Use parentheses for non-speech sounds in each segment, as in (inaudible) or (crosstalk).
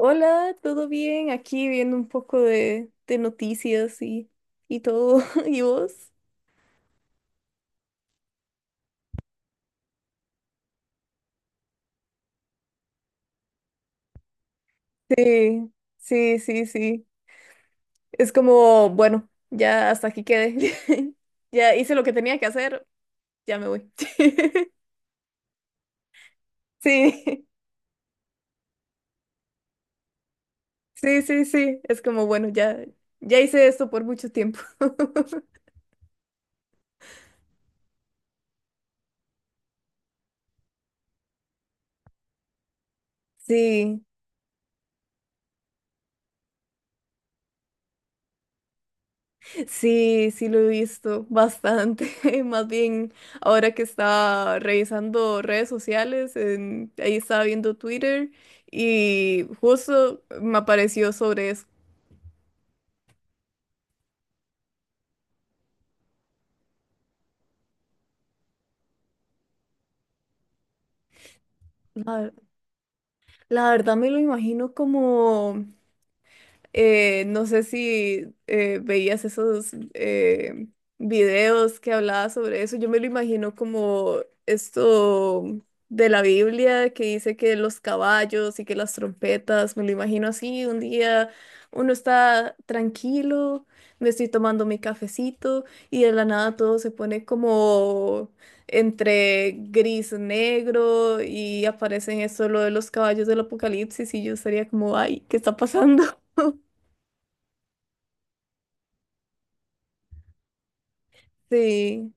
Hola, ¿todo bien? Aquí viendo un poco de noticias y todo. (laughs) ¿Y vos? Sí, sí, sí, sí. Es como, bueno, ya hasta aquí quedé. (laughs) Ya hice lo que tenía que hacer, ya me voy. (laughs) Sí, sí, sí, sí. Es como, bueno, ya, ya hice esto por mucho tiempo. (laughs) Sí. Sí, sí lo he visto bastante. (laughs) Más bien, ahora que estaba revisando redes sociales, ahí estaba viendo Twitter y justo me apareció sobre eso. La, la verdad me lo imagino como... No sé si veías esos videos que hablaba sobre eso. Yo me lo imagino como esto de la Biblia que dice que los caballos y que las trompetas, me lo imagino así, un día uno está tranquilo, me estoy tomando mi cafecito y de la nada todo se pone como entre gris negro y aparecen esto lo de los caballos del apocalipsis y yo estaría como, ay, ¿qué está pasando? (laughs) Sí,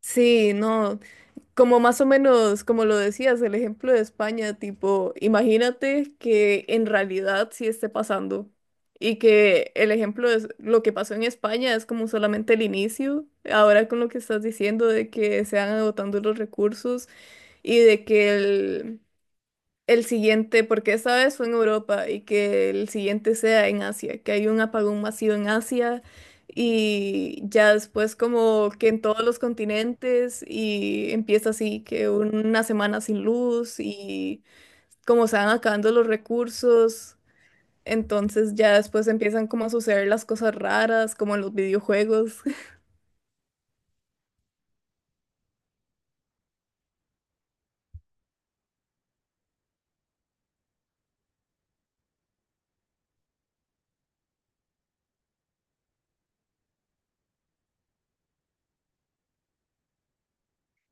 sí, no, como más o menos, como lo decías, el ejemplo de España, tipo, imagínate que en realidad sí esté pasando y que el ejemplo es lo que pasó en España es como solamente el inicio, ahora con lo que estás diciendo de que se van agotando los recursos y de que el siguiente, porque esta vez fue en Europa y que el siguiente sea en Asia, que hay un apagón masivo en Asia y ya después como que en todos los continentes y empieza así, que una semana sin luz y como se van acabando los recursos, entonces ya después empiezan como a suceder las cosas raras, como en los videojuegos. (laughs)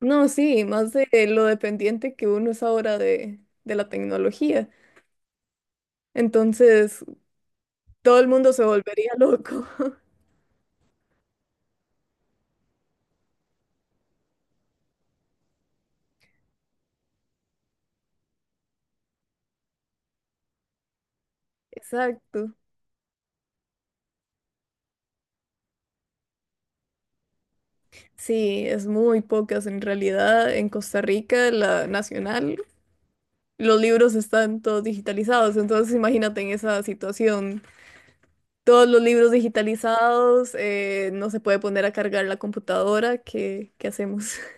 No, sí, más de lo dependiente que uno es ahora de la tecnología. Entonces, todo el mundo se volvería loco. Exacto. Sí, es muy pocas en realidad. En Costa Rica, la nacional, los libros están todos digitalizados. Entonces, imagínate en esa situación. Todos los libros digitalizados, no se puede poner a cargar la computadora. ¿Qué, qué hacemos? (laughs)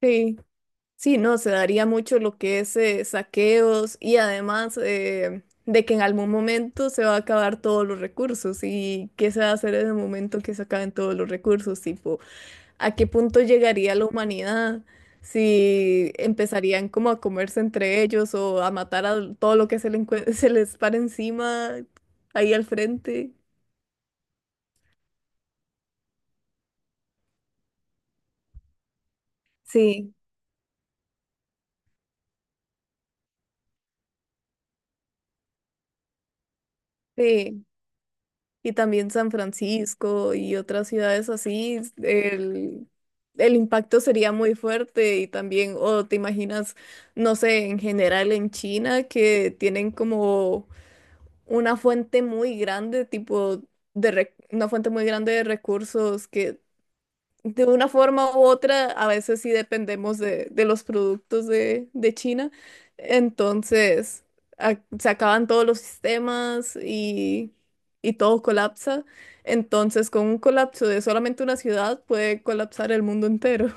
Sí, sí, no, se daría mucho lo que es saqueos y además de que en algún momento se va a acabar todos los recursos. ¿Y qué se va a hacer en el momento que se acaben todos los recursos? Tipo, ¿a qué punto llegaría la humanidad si empezarían como a comerse entre ellos o a matar a todo lo que se, (laughs) se les para encima ahí al frente? Sí, sí. Y también San Francisco y otras ciudades así, el impacto sería muy fuerte y también, o te imaginas, no sé, en general en China que tienen como una fuente muy grande, tipo una fuente muy grande de recursos que... De una forma u otra, a veces sí dependemos de los productos de China. Entonces, se acaban todos los sistemas y todo colapsa. Entonces, con un colapso de solamente una ciudad, puede colapsar el mundo entero.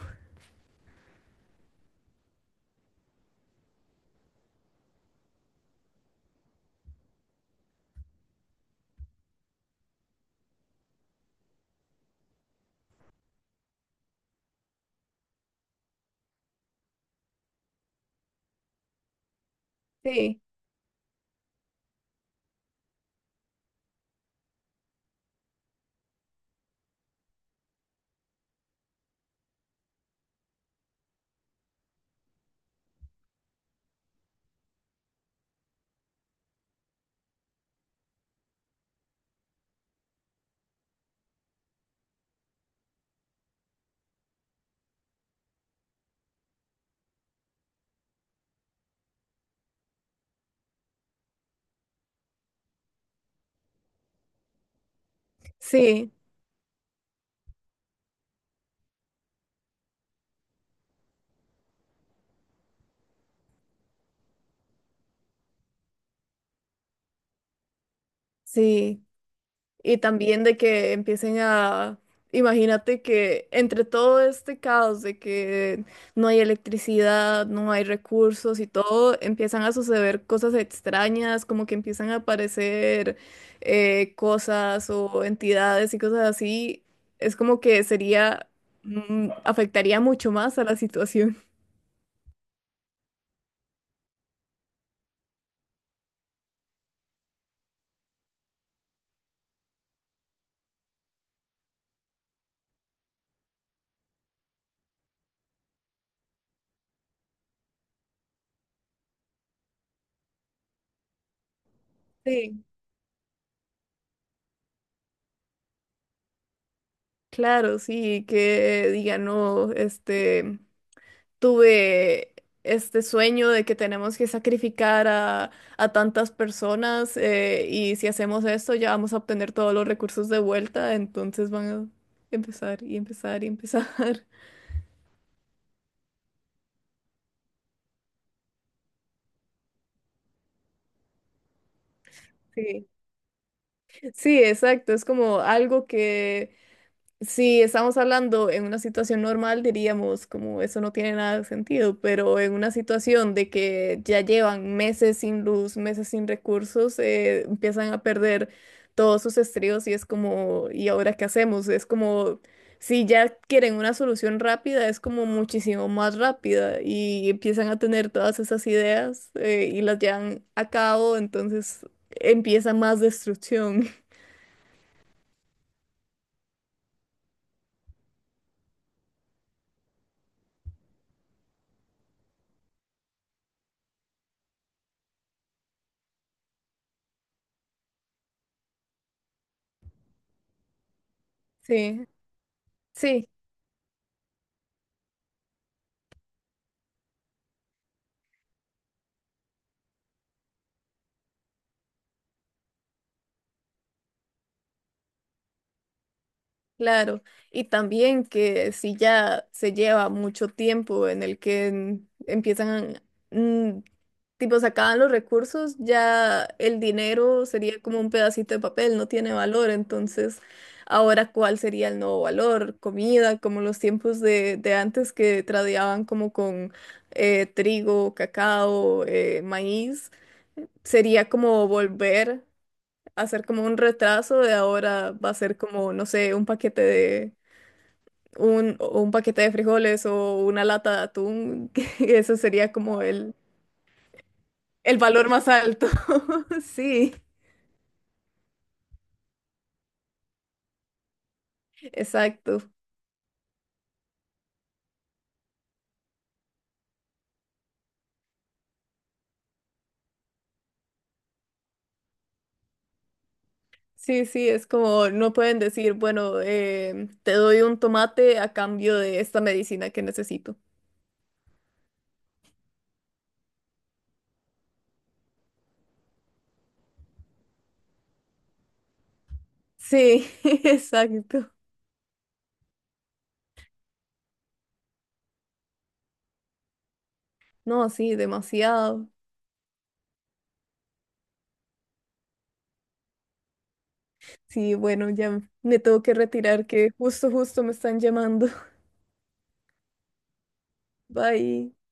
Sí, sí, sí. Y también de que empiecen a, imagínate que entre todo este caos de que no hay electricidad, no hay recursos y todo, empiezan a suceder cosas extrañas, como que empiezan a aparecer cosas o entidades y cosas así. Es como que sería, afectaría mucho más a la situación. (laughs) Sí. Claro, sí, que digan, no, este... tuve este sueño de que tenemos que sacrificar a tantas personas y si hacemos esto ya vamos a obtener todos los recursos de vuelta, entonces van a empezar y empezar y empezar. (laughs) Sí, sí, exacto, es como algo que... Si estamos hablando en una situación normal, diríamos como eso no tiene nada de sentido, pero en una situación de que ya llevan meses sin luz, meses sin recursos, empiezan a perder todos sus estribos y es como, ¿y ahora qué hacemos? Es como, si ya quieren una solución rápida, es como muchísimo más rápida y empiezan a tener todas esas ideas, y las llevan a cabo, entonces empieza más destrucción. (laughs) Sí, sí, claro, y también que si ya se lleva mucho tiempo en el que empiezan, mm, tipo, se acaban los recursos, ya el dinero sería como un pedacito de papel, no tiene valor, entonces ahora cuál sería el nuevo valor, comida, como los tiempos de antes que tradeaban como con trigo, cacao, maíz, sería como volver a hacer como un retraso de ahora va a ser como, no sé, un paquete de un, o un paquete de frijoles o una lata de atún, (laughs) que eso sería como el valor más alto. (laughs) Sí, exacto. Sí, sí, es como no pueden decir, bueno, te doy un tomate a cambio de esta medicina que necesito. Sí, (laughs) exacto. No, sí, demasiado. Sí, bueno, ya me tengo que retirar que justo, justo me están llamando. (laughs) Bye.